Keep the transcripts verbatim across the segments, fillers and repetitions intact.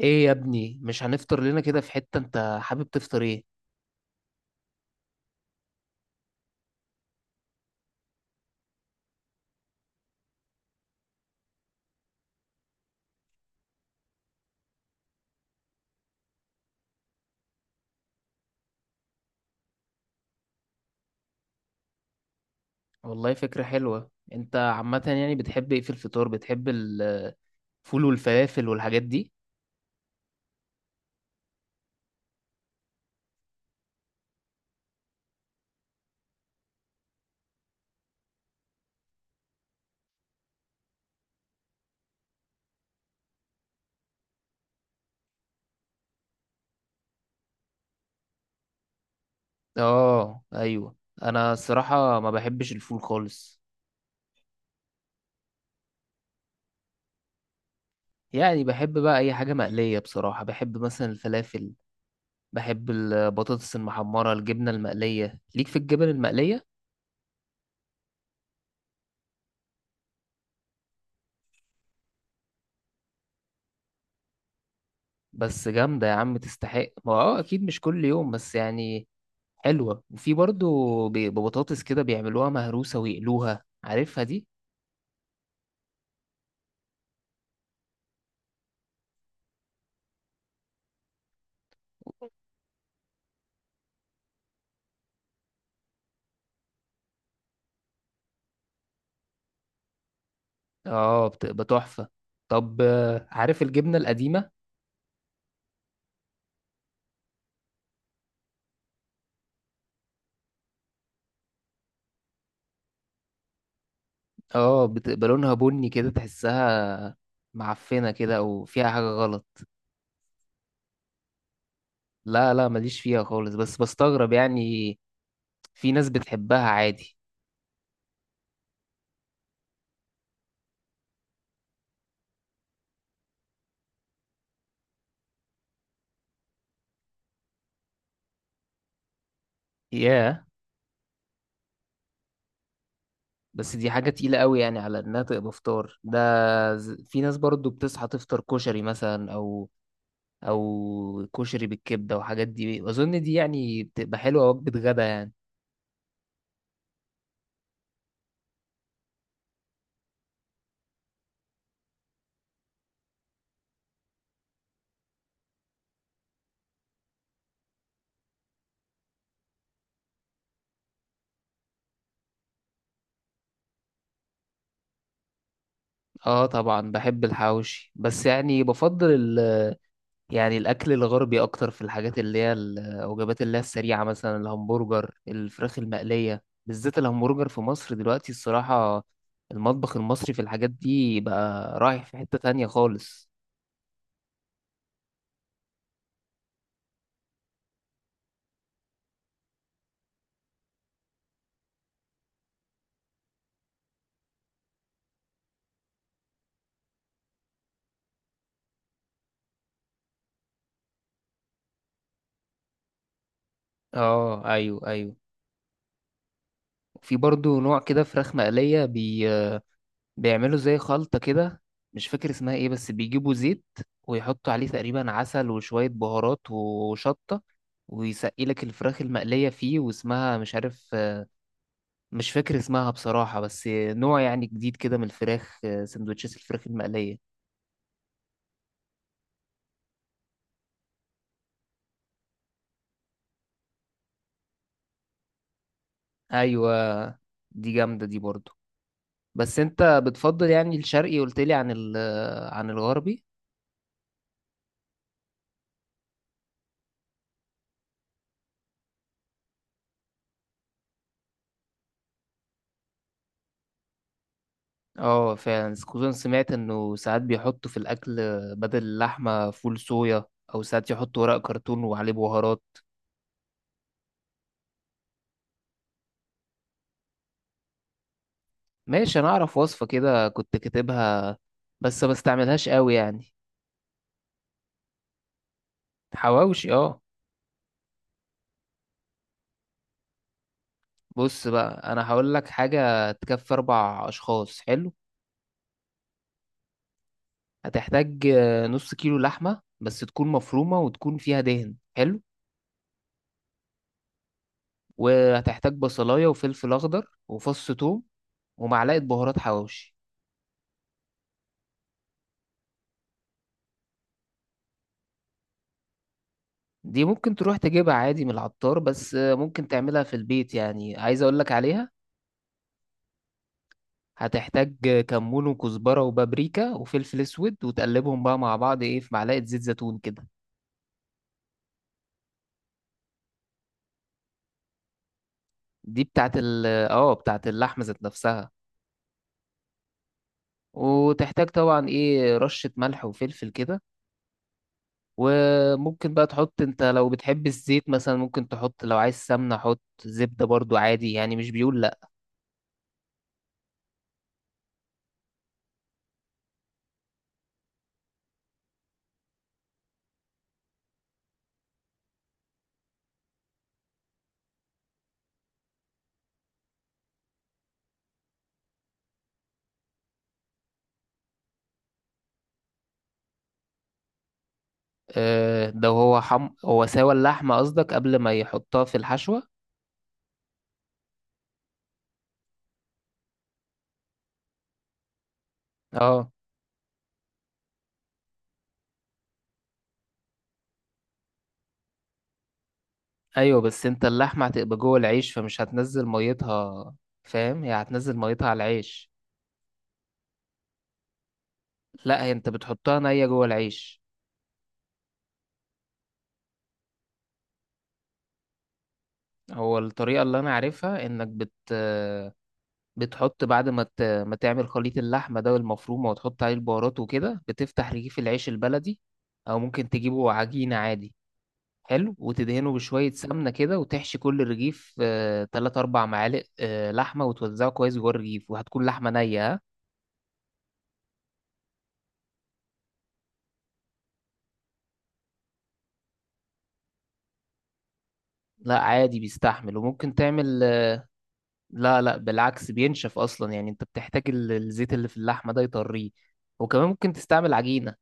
ايه يا ابني، مش هنفطر لنا كده في حتة؟ انت حابب تفطر ايه؟ والله فكرة حلوة. انت عامة يعني بتحب ايه في الفطار؟ بتحب الفول والفلافل والحاجات دي؟ اه، ايوه. انا الصراحة ما بحبش الفول خالص. يعني بحب بقى اي حاجة مقلية، بصراحة بحب مثلا الفلافل. بحب البطاطس المحمرة، الجبنة المقلية، ليك في الجبن المقلية. بس جامدة يا عم، تستحق. ما اه اكيد مش كل يوم، بس يعني حلوة. وفي برضو ب- ببطاطس كده بيعملوها مهروسة ويقلوها، عارفها دي. اه، بتبقى تحفة. طب، آه، عارف الجبنة القديمة؟ اه، بتبقى لونها بني كده، تحسها معفنة كده او فيها حاجة غلط. لا لا، ماليش فيها خالص، بس بستغرب يعني. في ناس بتحبها عادي. ياه. بس دي حاجة تقيلة قوي يعني، على انها تبقى فطار ده. ز- في ناس برضو بتصحى تفطر كشري مثلا، او او كشري بالكبده وحاجات دي. اظن دي يعني بتبقى حلوه، وجبه غدا يعني. اه طبعا بحب الحواوشي، بس يعني بفضل ال يعني الاكل الغربي اكتر، في الحاجات اللي هي الوجبات اللي هي السريعه، مثلا الهمبرجر، الفراخ المقليه. بالذات الهمبرجر في مصر دلوقتي، الصراحه المطبخ المصري في الحاجات دي بقى رايح في حته تانية خالص. اه ايوه، ايوه. في برضو نوع كده فراخ مقليه بي بيعملوا زي خلطة كده. مش فاكر اسمها ايه، بس بيجيبوا زيت ويحطوا عليه تقريبا عسل وشوية بهارات وشطة، ويسقي لك الفراخ المقلية فيه، واسمها مش عارف. مش فاكر اسمها بصراحة، بس نوع يعني جديد كده من الفراخ، سندوتشات الفراخ المقلية. ايوه، دي جامدة دي برضو. بس انت بتفضل يعني الشرقي، قلت لي عن ال عن الغربي. اه فعلا، خصوصا سمعت انه ساعات بيحطوا في الاكل بدل اللحمه فول صويا، او ساعات يحطوا ورق كرتون وعليه بهارات. ماشي. انا اعرف وصفه كده كنت كاتبها، بس ما استعملهاش قوي يعني. حواوشي، اه. بص بقى، انا هقول لك حاجه تكفي اربع اشخاص. حلو. هتحتاج آه، نص كيلو لحمه، بس تكون مفرومه وتكون فيها دهن. حلو. وهتحتاج بصلايه وفلفل اخضر وفص ثوم ومعلقه بهارات حواوشي. دي ممكن تروح تجيبها عادي من العطار، بس ممكن تعملها في البيت يعني. عايز اقولك عليها. هتحتاج كمون وكزبرة وبابريكا وفلفل اسود، وتقلبهم بقى مع بعض، ايه، في معلقة زيت زيتون كده. دي بتاعت ال اه بتاعت اللحمة ذات نفسها. وتحتاج طبعا ايه رشة ملح وفلفل كده. وممكن بقى تحط انت لو بتحب الزيت مثلا، ممكن تحط. لو عايز سمنة حط زبدة برضو عادي يعني، مش بيقول لا. آه، ده هو حم هو سوى اللحمة قصدك قبل ما يحطها في الحشوة؟ اه ايوه. بس انت اللحمه هتبقى جوه العيش فمش هتنزل ميتها، فاهم. هي هتنزل ميتها على العيش. لا، هي انت بتحطها نيه جوه العيش. هو الطريقه اللي انا عارفها انك بت بتحط بعد ما ت... ما تعمل خليط اللحمه ده والمفرومه، وتحط عليه البهارات وكده، بتفتح رغيف العيش البلدي او ممكن تجيبه عجينه عادي. حلو. وتدهنه بشويه سمنه كده، وتحشي كل رغيف آه، تلات اربع معالق آه، لحمه، وتوزعه كويس جوه الرغيف. وهتكون لحمه نيه، ها؟ لا عادي بيستحمل، وممكن تعمل. لا لا، بالعكس بينشف اصلا. يعني انت بتحتاج ال- الزيت اللي في اللحمه ده يطريه. وكمان ممكن تستعمل عجينه.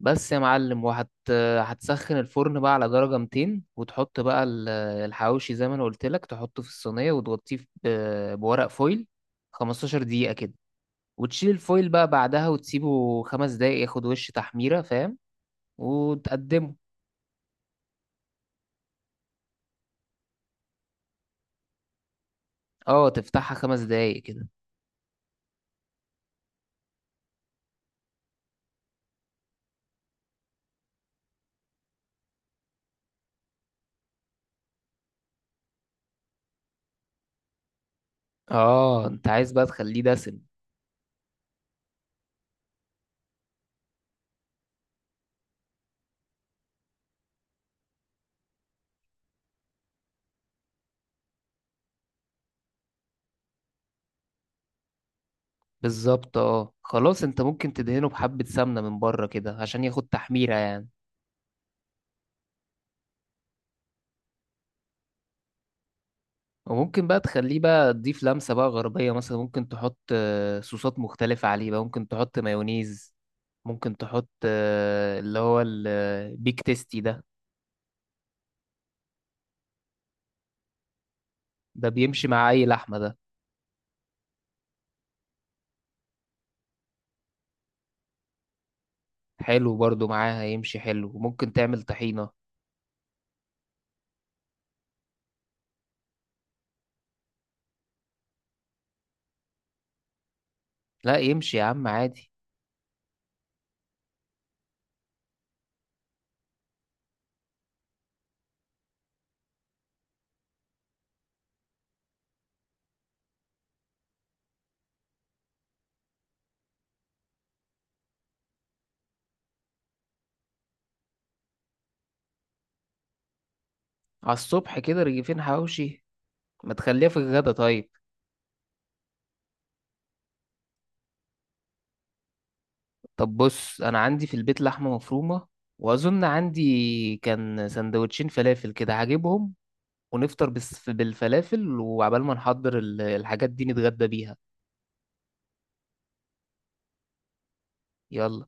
بس يا معلم. وهت هتسخن الفرن بقى على درجه مئتين، وتحط بقى ال- الحواوشي زي ما انا قلت لك، تحطه في الصينيه وتغطيه ب- بورق فويل خمسة عشر دقيقه كده. وتشيل الفويل بقى بعدها وتسيبه خمس دقايق ياخد وش تحميره، فاهم. وتقدمه. اه، تفتحها خمس دقايق كده. اه، انت عايز بقى تخليه دسم. بالظبط. اه خلاص، انت ممكن تدهنه بحبة سمنة من بره كده عشان ياخد تحميرة يعني. وممكن بقى تخليه، بقى تضيف لمسة بقى غربية، مثلا ممكن تحط آه، صوصات مختلفة عليه بقى. ممكن تحط مايونيز، ممكن تحط آه، اللي هو البيك تيستي ده. ده بيمشي مع أي لحمة ده. حلو برضو معاها، يمشي حلو. وممكن تعمل طحينة. لا يمشي يا عم عادي. على الصبح كده رغيفين حواوشي؟ ما تخليها في الغدا طيب. طب بص، انا عندي في البيت لحمه مفرومه، واظن عندي كان سندوتشين فلافل كده، هجيبهم. ونفطر بس بالفلافل، وعبال ما نحضر ال- الحاجات دي نتغدى بيها. يلا.